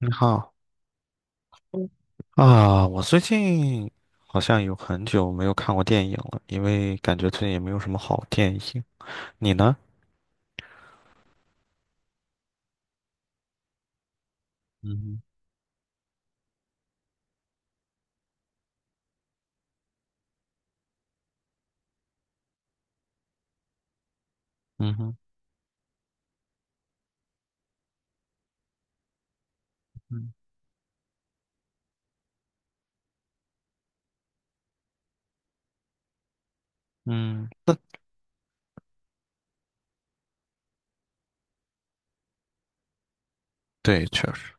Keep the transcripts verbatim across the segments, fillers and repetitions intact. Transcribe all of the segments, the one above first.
你好。嗯。啊，我最近好像有很久没有看过电影了，因为感觉最近也没有什么好电影。你呢？嗯哼。嗯哼。嗯。嗯，那对，确实。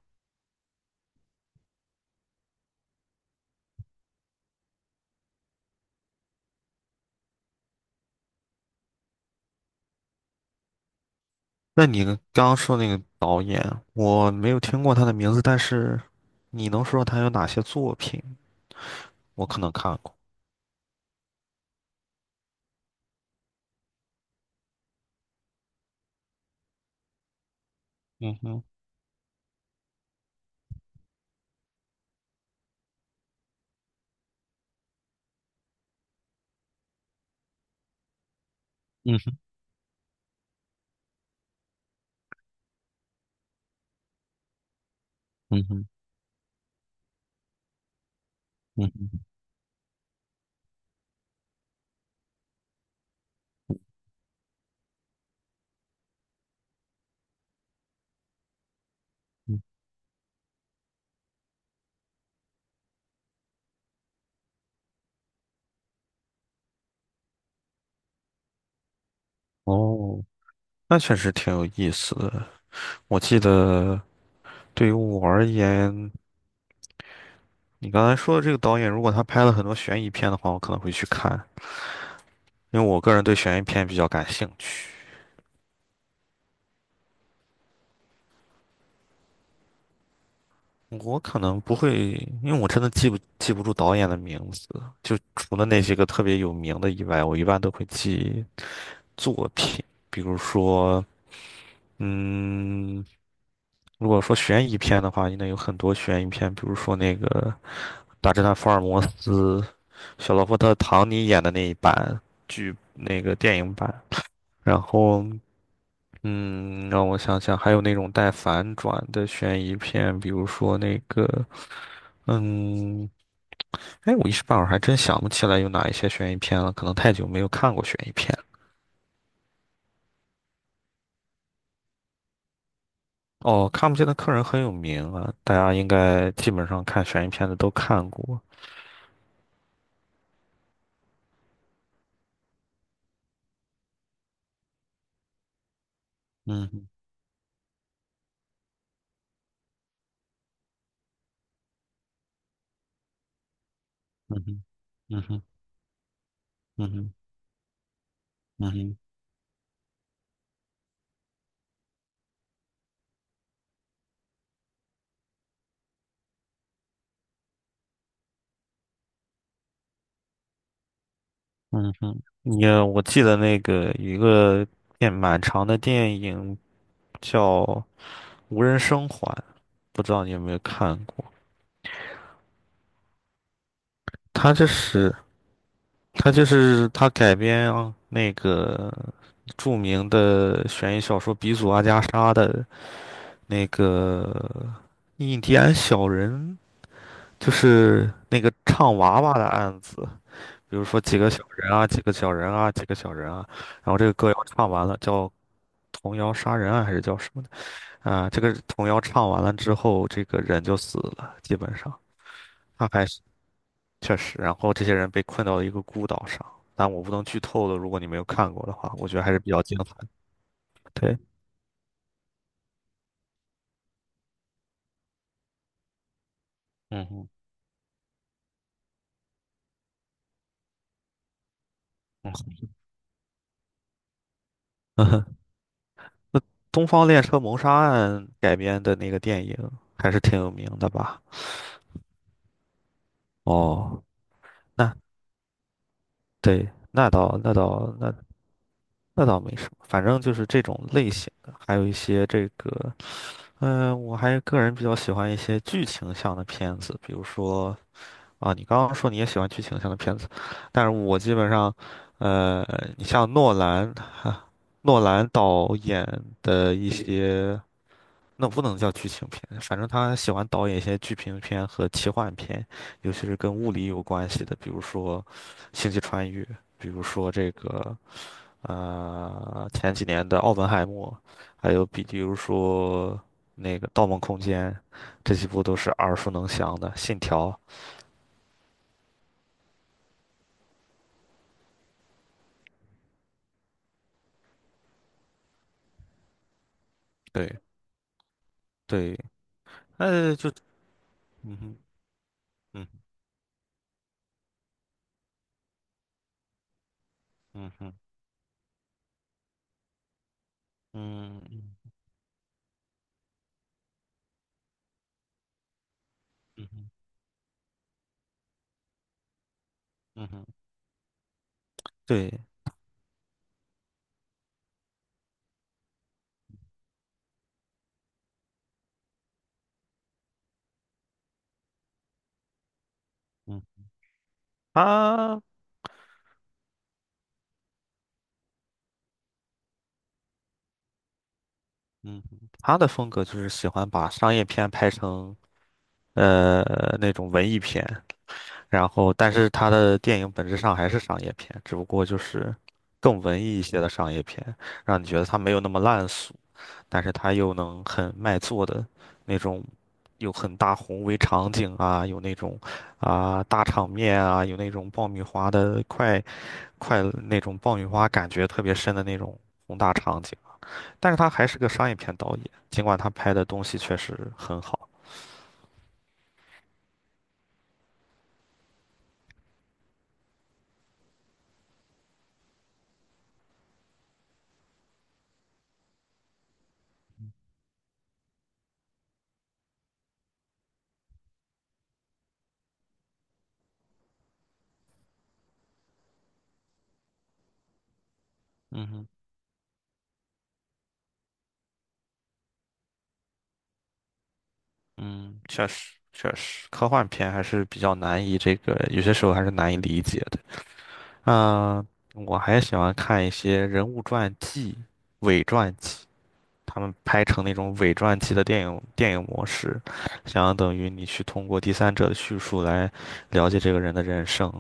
那你刚刚说那个导演，我没有听过他的名字，但是你能说他有哪些作品？我可能看过。嗯哼。嗯哼。嗯哼。嗯哼。嗯。哦，那确实挺有意思的。我记得对于我而言。你刚才说的这个导演，如果他拍了很多悬疑片的话，我可能会去看，因为我个人对悬疑片比较感兴趣。我可能不会，因为我真的记不记不住导演的名字，就除了那些个特别有名的以外，我一般都会记作品。比如说，嗯，如果说悬疑片的话，应该有很多悬疑片，比如说那个《大侦探福尔摩斯》，小罗伯特·唐尼演的那一版剧，那个电影版。然后嗯，让我想想，还有那种带反转的悬疑片，比如说那个，嗯，哎，我一时半会儿还真想不起来有哪一些悬疑片了，可能太久没有看过悬疑片了。哦，看不见的客人很有名啊，大家应该基本上看悬疑片的都看过。嗯哼。嗯哼。嗯哼。嗯哼。嗯哼。嗯哼。你，我记得那个有一个电蛮长的电影叫《无人生还》，不知道你有没有看过？他这是他就是他改编那个著名的悬疑小说鼻祖阿加莎的那个印第安小人，就是那个唱娃娃的案子，比如说几个小人啊，几个小人啊，几个小人啊，然后这个歌要唱完了，叫童谣杀人案还是叫什么的啊？这个童谣唱完了之后，这个人就死了，基本上。他还确实，然后这些人被困到了一个孤岛上，但我不能剧透了，如果你没有看过的话，我觉得还是比较精彩的。对。嗯。嗯哼。嗯哼。那《东方列车谋杀案》改编的那个电影还是挺有名的吧？哦，那对，那倒那倒那那倒没什么，反正就是这种类型的，还有一些这个。嗯、我还个人比较喜欢一些剧情向的片子，比如说。啊，你刚刚说你也喜欢剧情向的片子，但是我基本上，呃，你像诺兰，诺兰导演的一些，那不能叫剧情片，反正他喜欢导演一些剧情片和奇幻片，尤其是跟物理有关系的，比如说《星际穿越》，比如说这个呃前几年的《奥本海默》，还有比比如说那个《盗梦空间》，这几部都是耳熟能详的，《信条》。对。对。呃，就嗯哼。嗯嗯哼。嗯嗯嗯哼。嗯哼。对。嗯。他。嗯哼。他的风格就是喜欢把商业片拍成呃那种文艺片，然后但是他的电影本质上还是商业片，只不过就是更文艺一些的商业片，让你觉得他没有那么烂俗，但是他又能很卖座的那种。有很大宏伟场景啊，有那种啊大场面啊，有那种爆米花的快快乐那种爆米花感觉特别深的那种宏大场景，但是他还是个商业片导演，尽管他拍的东西确实很好。嗯哼。嗯，确实确实，科幻片还是比较难以这个，有些时候还是难以理解的。嗯、我还喜欢看一些人物传记、伪传记，他们拍成那种伪传记的电影电影模式，相等于你去通过第三者的叙述来了解这个人的人生。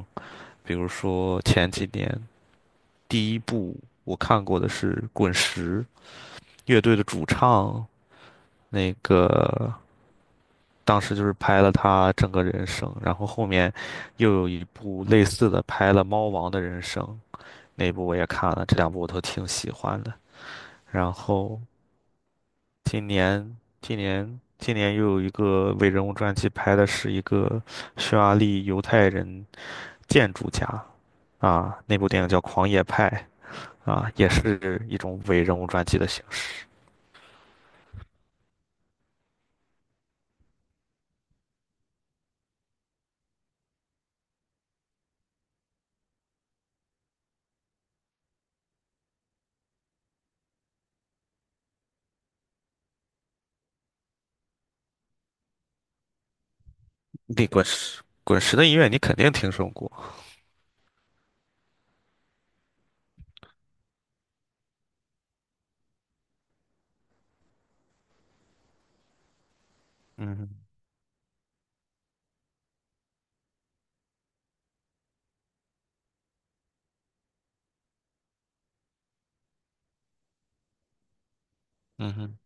比如说前几年。第一部我看过的是滚石乐队的主唱，那个当时就是拍了他整个人生，然后后面又有一部类似的拍了猫王的人生，那部我也看了，这两部我都挺喜欢的。然后今年今年今年又有一个伟人物传记，拍的是一个匈牙利犹太人建筑家啊，那部电影叫《狂野派》啊，也是一种伪人物传记的形式。那滚石滚石的音乐你肯定听说过。嗯哼。嗯哼。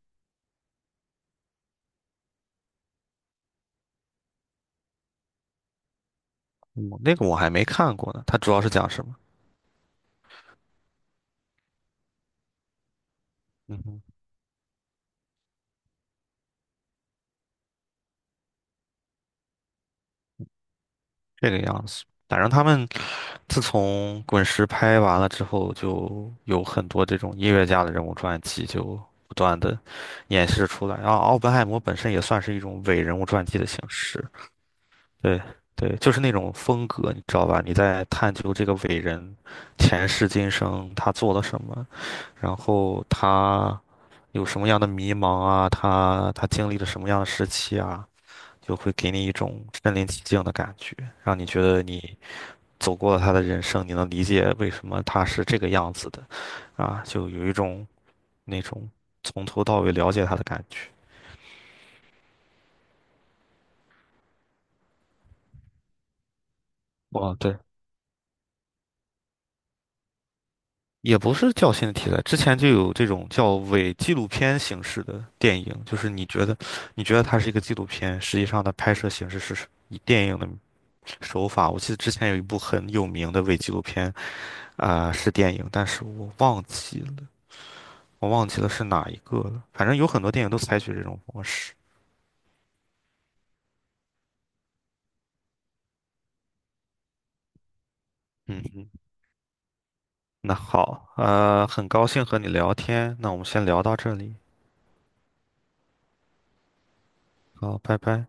我那个我还没看过呢，它主要是讲什么？嗯哼。这个样子。反正他们自从滚石拍完了之后，就有很多这种音乐家的人物传记，就不断的演示出来。然后奥本海默本身也算是一种伪人物传记的形式，对对，就是那种风格，你知道吧？你在探究这个伟人前世今生，他做了什么，然后他。有什么样的迷茫啊，他他经历了什么样的时期啊，就会给你一种身临其境的感觉，让你觉得你走过了他的人生，你能理解为什么他是这个样子的啊，就有一种那种从头到尾了解他的感觉。哦，对，也不是较新的题材，之前就有这种叫伪纪录片形式的电影，就是你觉得，你觉得它是一个纪录片，实际上它拍摄形式是以电影的手法。我记得之前有一部很有名的伪纪录片，啊、是电影，但是我忘记了，我忘记了是哪一个了。反正有很多电影都采取这种模式。嗯嗯，那好，呃，很高兴和你聊天，那我们先聊到这里，好，拜拜。